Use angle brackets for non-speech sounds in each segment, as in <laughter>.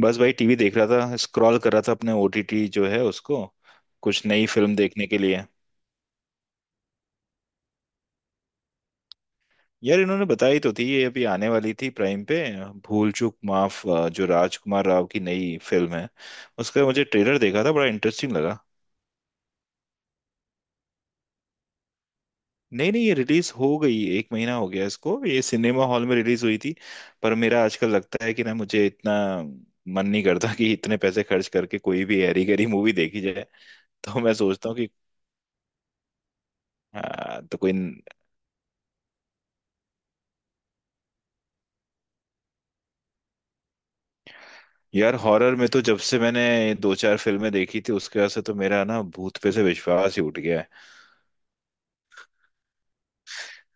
बस भाई टीवी देख रहा था स्क्रॉल कर रहा था अपने ओटीटी जो है उसको कुछ नई फिल्म देखने के लिए। यार इन्होंने बताई तो थी ये अभी आने वाली थी प्राइम पे भूल चूक माफ जो राजकुमार राव की नई फिल्म है। उसका मुझे ट्रेलर देखा था बड़ा इंटरेस्टिंग लगा। नहीं नहीं ये रिलीज हो गई एक महीना हो गया इसको ये सिनेमा हॉल में रिलीज हुई थी। पर मेरा आजकल लगता है कि ना मुझे इतना मन नहीं करता कि इतने पैसे खर्च करके कोई भी हैरी गैरी मूवी देखी जाए। तो मैं सोचता हूँ कि हाँ, तो कोई। यार हॉरर में तो जब से मैंने दो चार फिल्में देखी थी उसके बाद से तो मेरा ना भूत पे से विश्वास ही उठ गया है।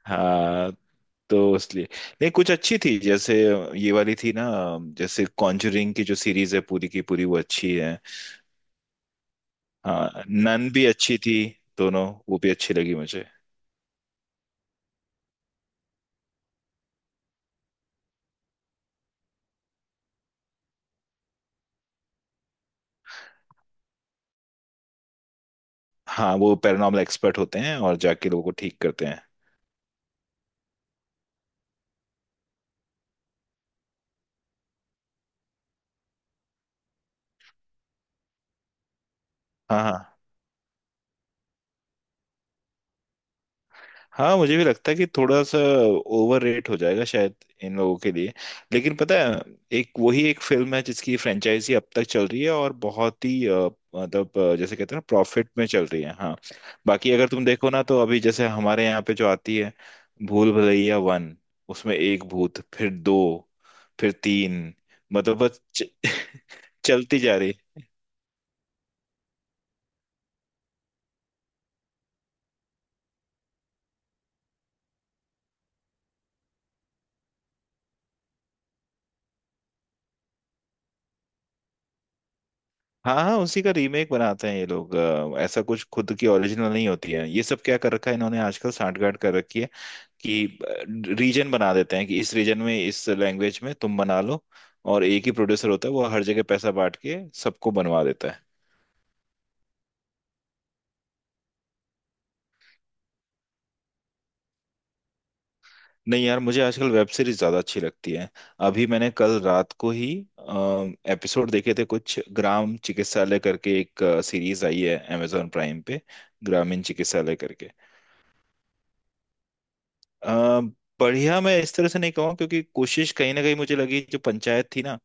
हाँ तो इसलिए नहीं कुछ अच्छी थी जैसे ये वाली थी ना। जैसे कॉन्जरिंग की जो सीरीज है पूरी की पूरी वो अच्छी है। हाँ नन भी अच्छी थी दोनों वो भी अच्छी लगी मुझे। हाँ वो पैरानॉर्मल एक्सपर्ट होते हैं और जाके लोगों को ठीक करते हैं। हाँ हाँ। हाँ मुझे भी लगता है कि थोड़ा सा ओवर रेट हो जाएगा शायद इन लोगों के लिए। लेकिन पता है एक वही एक फिल्म है जिसकी फ्रेंचाइजी अब तक चल रही है और बहुत ही मतलब जैसे कहते हैं ना प्रॉफिट में चल रही है हाँ। बाकी अगर तुम देखो ना तो अभी जैसे हमारे यहाँ पे जो आती है भूल भुलैया वन उसमें एक भूत फिर दो फिर तीन मतलब बस <laughs> चलती जा रही। हाँ हाँ उसी का रीमेक बनाते हैं ये लोग ऐसा कुछ खुद की ओरिजिनल नहीं होती है ये सब क्या कर रखा है इन्होंने आजकल सांठगांठ कर रखी है कि रीजन बना देते हैं कि इस रीजन में इस लैंग्वेज में तुम बना लो और एक ही प्रोड्यूसर होता है वो हर जगह पैसा बांट के सबको बनवा देता है। नहीं यार मुझे आजकल वेब सीरीज ज्यादा अच्छी लगती है। अभी मैंने कल रात को ही एपिसोड देखे थे कुछ ग्राम चिकित्सालय करके एक सीरीज आई है अमेजोन प्राइम पे। ग्रामीण चिकित्सालय करके। अ, बढ़िया मैं इस तरह से नहीं कहूँ क्योंकि कोशिश कहीं ना कहीं मुझे लगी जो पंचायत थी ना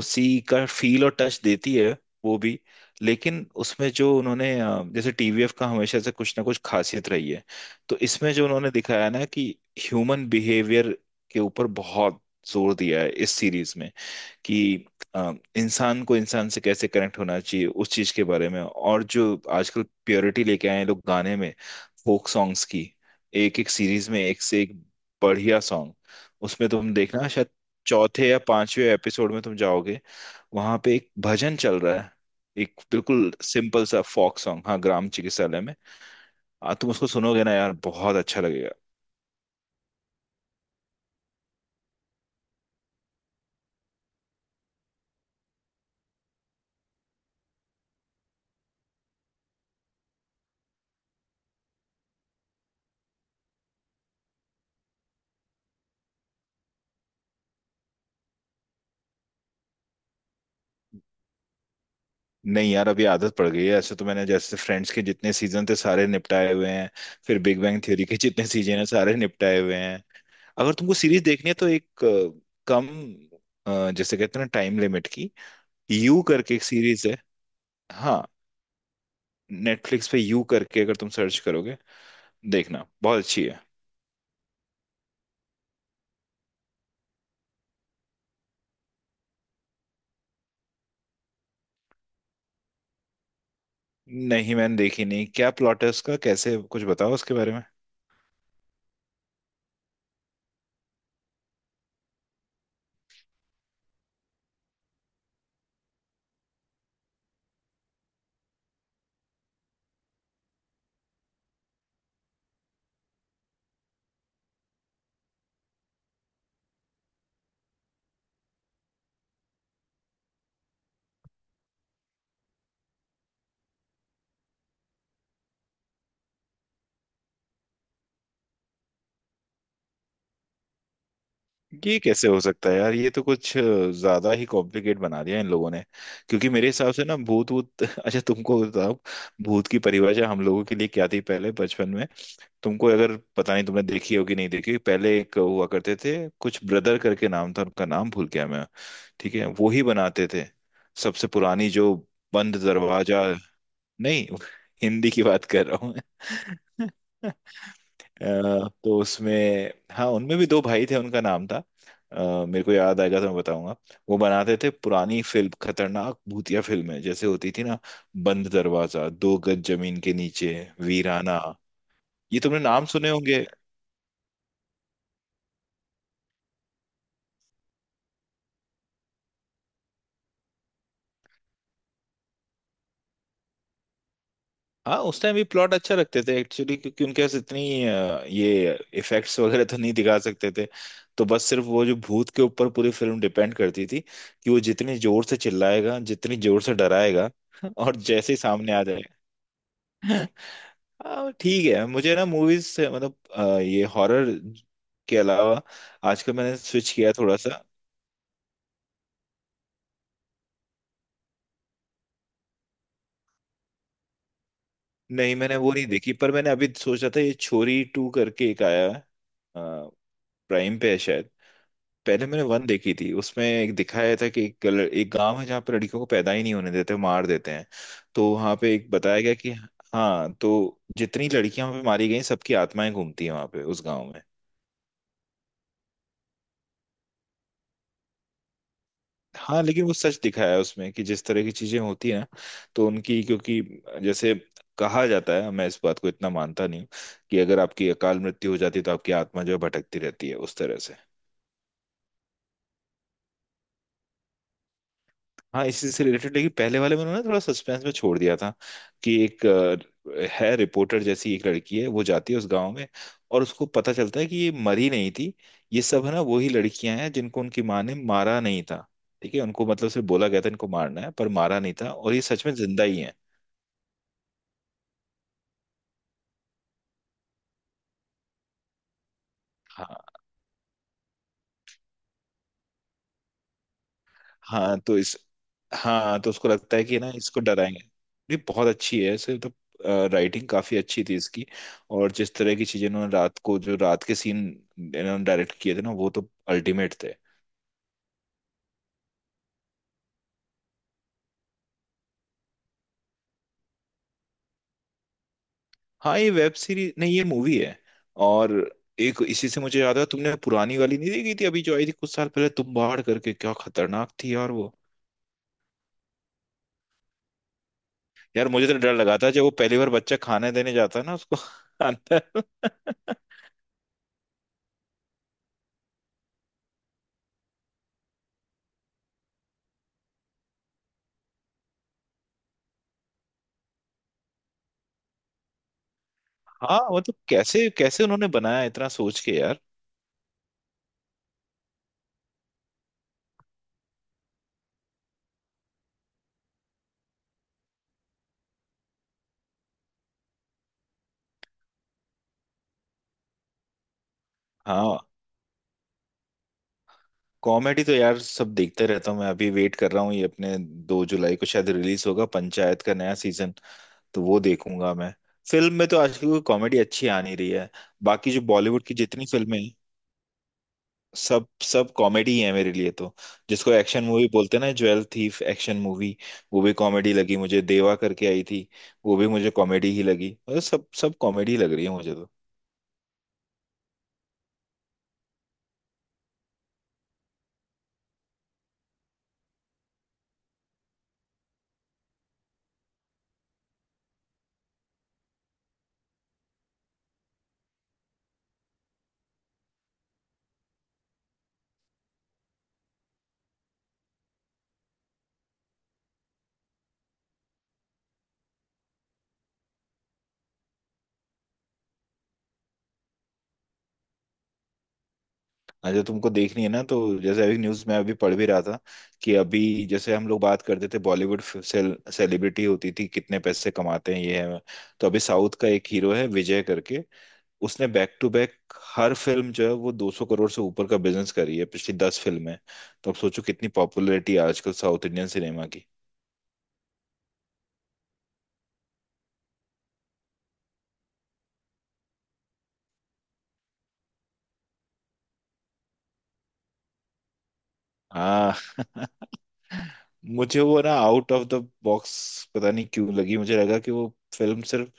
उसी का फील और टच देती है वो भी। लेकिन उसमें जो उन्होंने जैसे टीवीएफ का हमेशा से कुछ ना कुछ खासियत रही है। तो इसमें जो उन्होंने दिखाया ना कि ह्यूमन बिहेवियर के ऊपर बहुत जोर दिया है इस सीरीज में कि इंसान को इंसान से कैसे कनेक्ट होना चाहिए उस चीज के बारे में और जो आजकल प्योरिटी लेके आए हैं लोग गाने में फोक सॉन्ग्स की। एक एक सीरीज में एक से एक बढ़िया सॉन्ग। उसमें तुम देखना शायद चौथे या पांचवे एपिसोड में तुम जाओगे वहां पे एक भजन चल रहा है एक बिल्कुल सिंपल सा फोक सॉन्ग हाँ ग्राम चिकित्सालय में। आ तुम उसको सुनोगे ना यार बहुत अच्छा लगेगा। नहीं यार अभी आदत पड़ गई है ऐसे तो मैंने जैसे फ्रेंड्स के जितने सीजन थे सारे निपटाए हुए हैं। फिर बिग बैंग थ्योरी के जितने सीजन है सारे निपटाए हुए हैं। अगर तुमको सीरीज देखनी है तो एक कम जैसे कहते हैं ना टाइम लिमिट की यू करके एक सीरीज है। हाँ नेटफ्लिक्स पे यू करके अगर तुम सर्च करोगे देखना बहुत अच्छी है। नहीं मैंने देखी नहीं क्या प्लॉट है उसका कैसे कुछ बताओ उसके बारे में। ये कैसे हो सकता है यार ये तो कुछ ज्यादा ही कॉम्प्लिकेट बना दिया इन लोगों ने। क्योंकि मेरे हिसाब से ना भूत वूत <laughs> अच्छा तुमको बताओ भूत की परिभाषा हम लोगों के लिए क्या थी पहले बचपन में। तुमको अगर पता नहीं तुमने देखी होगी नहीं देखी होगी, पहले एक हुआ करते थे कुछ ब्रदर करके नाम था उनका नाम भूल गया मैं। ठीक है वो ही बनाते थे सबसे पुरानी जो बंद दरवाजा। नहीं <laughs> हिंदी की बात कर रहा हूँ मैं <laughs> अ, तो उसमें हाँ उनमें भी दो भाई थे उनका नाम था मेरे को याद आएगा तो मैं बताऊंगा। वो बनाते थे पुरानी फिल्म खतरनाक भूतिया फिल्में जैसे होती थी ना बंद दरवाजा 2 गज जमीन के नीचे वीराना ये तुमने नाम सुने होंगे। हाँ उस टाइम भी प्लॉट अच्छा रखते थे एक्चुअली क्योंकि उनके पास इतनी ये इफेक्ट्स वगैरह तो नहीं दिखा सकते थे। तो बस सिर्फ वो जो भूत के ऊपर पूरी फिल्म डिपेंड करती थी कि वो जितनी जोर से चिल्लाएगा जितनी जोर से डराएगा <laughs> और जैसे ही सामने आ जाए <laughs> ठीक है मुझे ना मूवीज से मतलब ये हॉरर के अलावा आजकल मैंने स्विच किया थोड़ा सा। नहीं मैंने वो नहीं देखी पर मैंने अभी सोचा था ये छोरी टू करके एक आया है प्राइम पे है शायद। पहले मैंने वन देखी थी उसमें एक दिखाया था कि एक एक गांव है जहाँ पर लड़कियों को पैदा ही नहीं होने देते मार देते हैं। तो वहां पे एक बताया गया कि हाँ तो जितनी लड़कियां वहां पे मारी गई सबकी आत्माएं घूमती हैं वहां पे उस गाँव में। हाँ लेकिन वो सच दिखाया है उसमें कि जिस तरह की चीजें होती है ना तो उनकी क्योंकि जैसे कहा जाता है मैं इस बात को इतना मानता नहीं हूँ कि अगर आपकी अकाल मृत्यु हो जाती है तो आपकी आत्मा जो है भटकती रहती है उस तरह से। हाँ इसी से रिलेटेड लेकिन पहले वाले में उन्होंने थोड़ा सस्पेंस में छोड़ दिया था कि एक है रिपोर्टर जैसी एक लड़की है वो जाती है उस गांव में और उसको पता चलता है कि ये मरी नहीं थी ये सब है ना वही लड़कियां हैं जिनको उनकी माँ ने मारा नहीं था। ठीक है उनको मतलब सिर्फ बोला गया था इनको मारना है पर मारा नहीं था और ये सच में जिंदा ही है। हाँ तो इस हाँ तो उसको लगता है कि ना इसको डराएंगे। ये बहुत अच्छी है ऐसे तो राइटिंग काफी अच्छी थी इसकी और जिस तरह की चीजें इन्होंने रात को जो रात के सीन इन्होंने डायरेक्ट किए थे ना वो तो अल्टीमेट थे। हाँ ये वेब सीरीज नहीं ये मूवी है। और एक इसी से मुझे याद आया तुमने पुरानी वाली नहीं देखी थी अभी जो आई थी कुछ साल पहले तुम बाढ़ करके क्या खतरनाक थी यार वो। यार मुझे तो डर लगा था जब वो पहली बार बच्चा खाने देने जाता है ना उसको <laughs> अंदर। हाँ मतलब कैसे कैसे उन्होंने बनाया इतना सोच के यार। हाँ कॉमेडी तो यार सब देखते रहता हूँ मैं अभी वेट कर रहा हूँ ये अपने 2 जुलाई को शायद रिलीज होगा पंचायत का नया सीजन तो वो देखूंगा मैं। फिल्म में तो आजकल कोई कॉमेडी अच्छी आ नहीं रही है। बाकी जो बॉलीवुड की जितनी फिल्में हैं, सब सब कॉमेडी ही है मेरे लिए तो जिसको एक्शन मूवी बोलते हैं ना ज्वेल थीफ एक्शन मूवी वो भी कॉमेडी लगी मुझे देवा करके आई थी वो भी मुझे कॉमेडी ही लगी मतलब सब सब कॉमेडी लग रही है मुझे तो। हाँ जो तुमको देखनी है ना तो जैसे अभी न्यूज में अभी पढ़ भी रहा था कि अभी जैसे हम लोग बात करते थे बॉलीवुड सेलिब्रिटी होती थी कितने पैसे कमाते हैं ये है। तो अभी साउथ का एक हीरो है विजय करके उसने बैक टू बैक हर फिल्म जो है वो 200 करोड़ से ऊपर का बिजनेस करी है पिछली 10 फिल्में। तो अब सोचो कितनी पॉपुलैरिटी है आजकल साउथ इंडियन सिनेमा की। हाँ <laughs> मुझे वो ना आउट ऑफ द बॉक्स पता नहीं क्यों लगी मुझे लगा कि वो फिल्म सिर्फ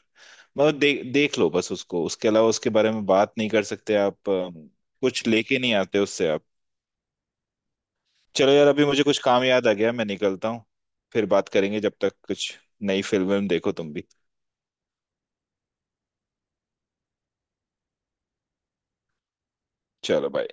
मतलब देख लो बस उसको उसके अलावा उसके बारे में बात नहीं कर सकते आप कुछ लेके नहीं आते उससे आप। चलो यार अभी मुझे कुछ काम याद आ गया मैं निकलता हूँ। फिर बात करेंगे जब तक कुछ नई फिल्म देखो तुम भी। चलो बाय।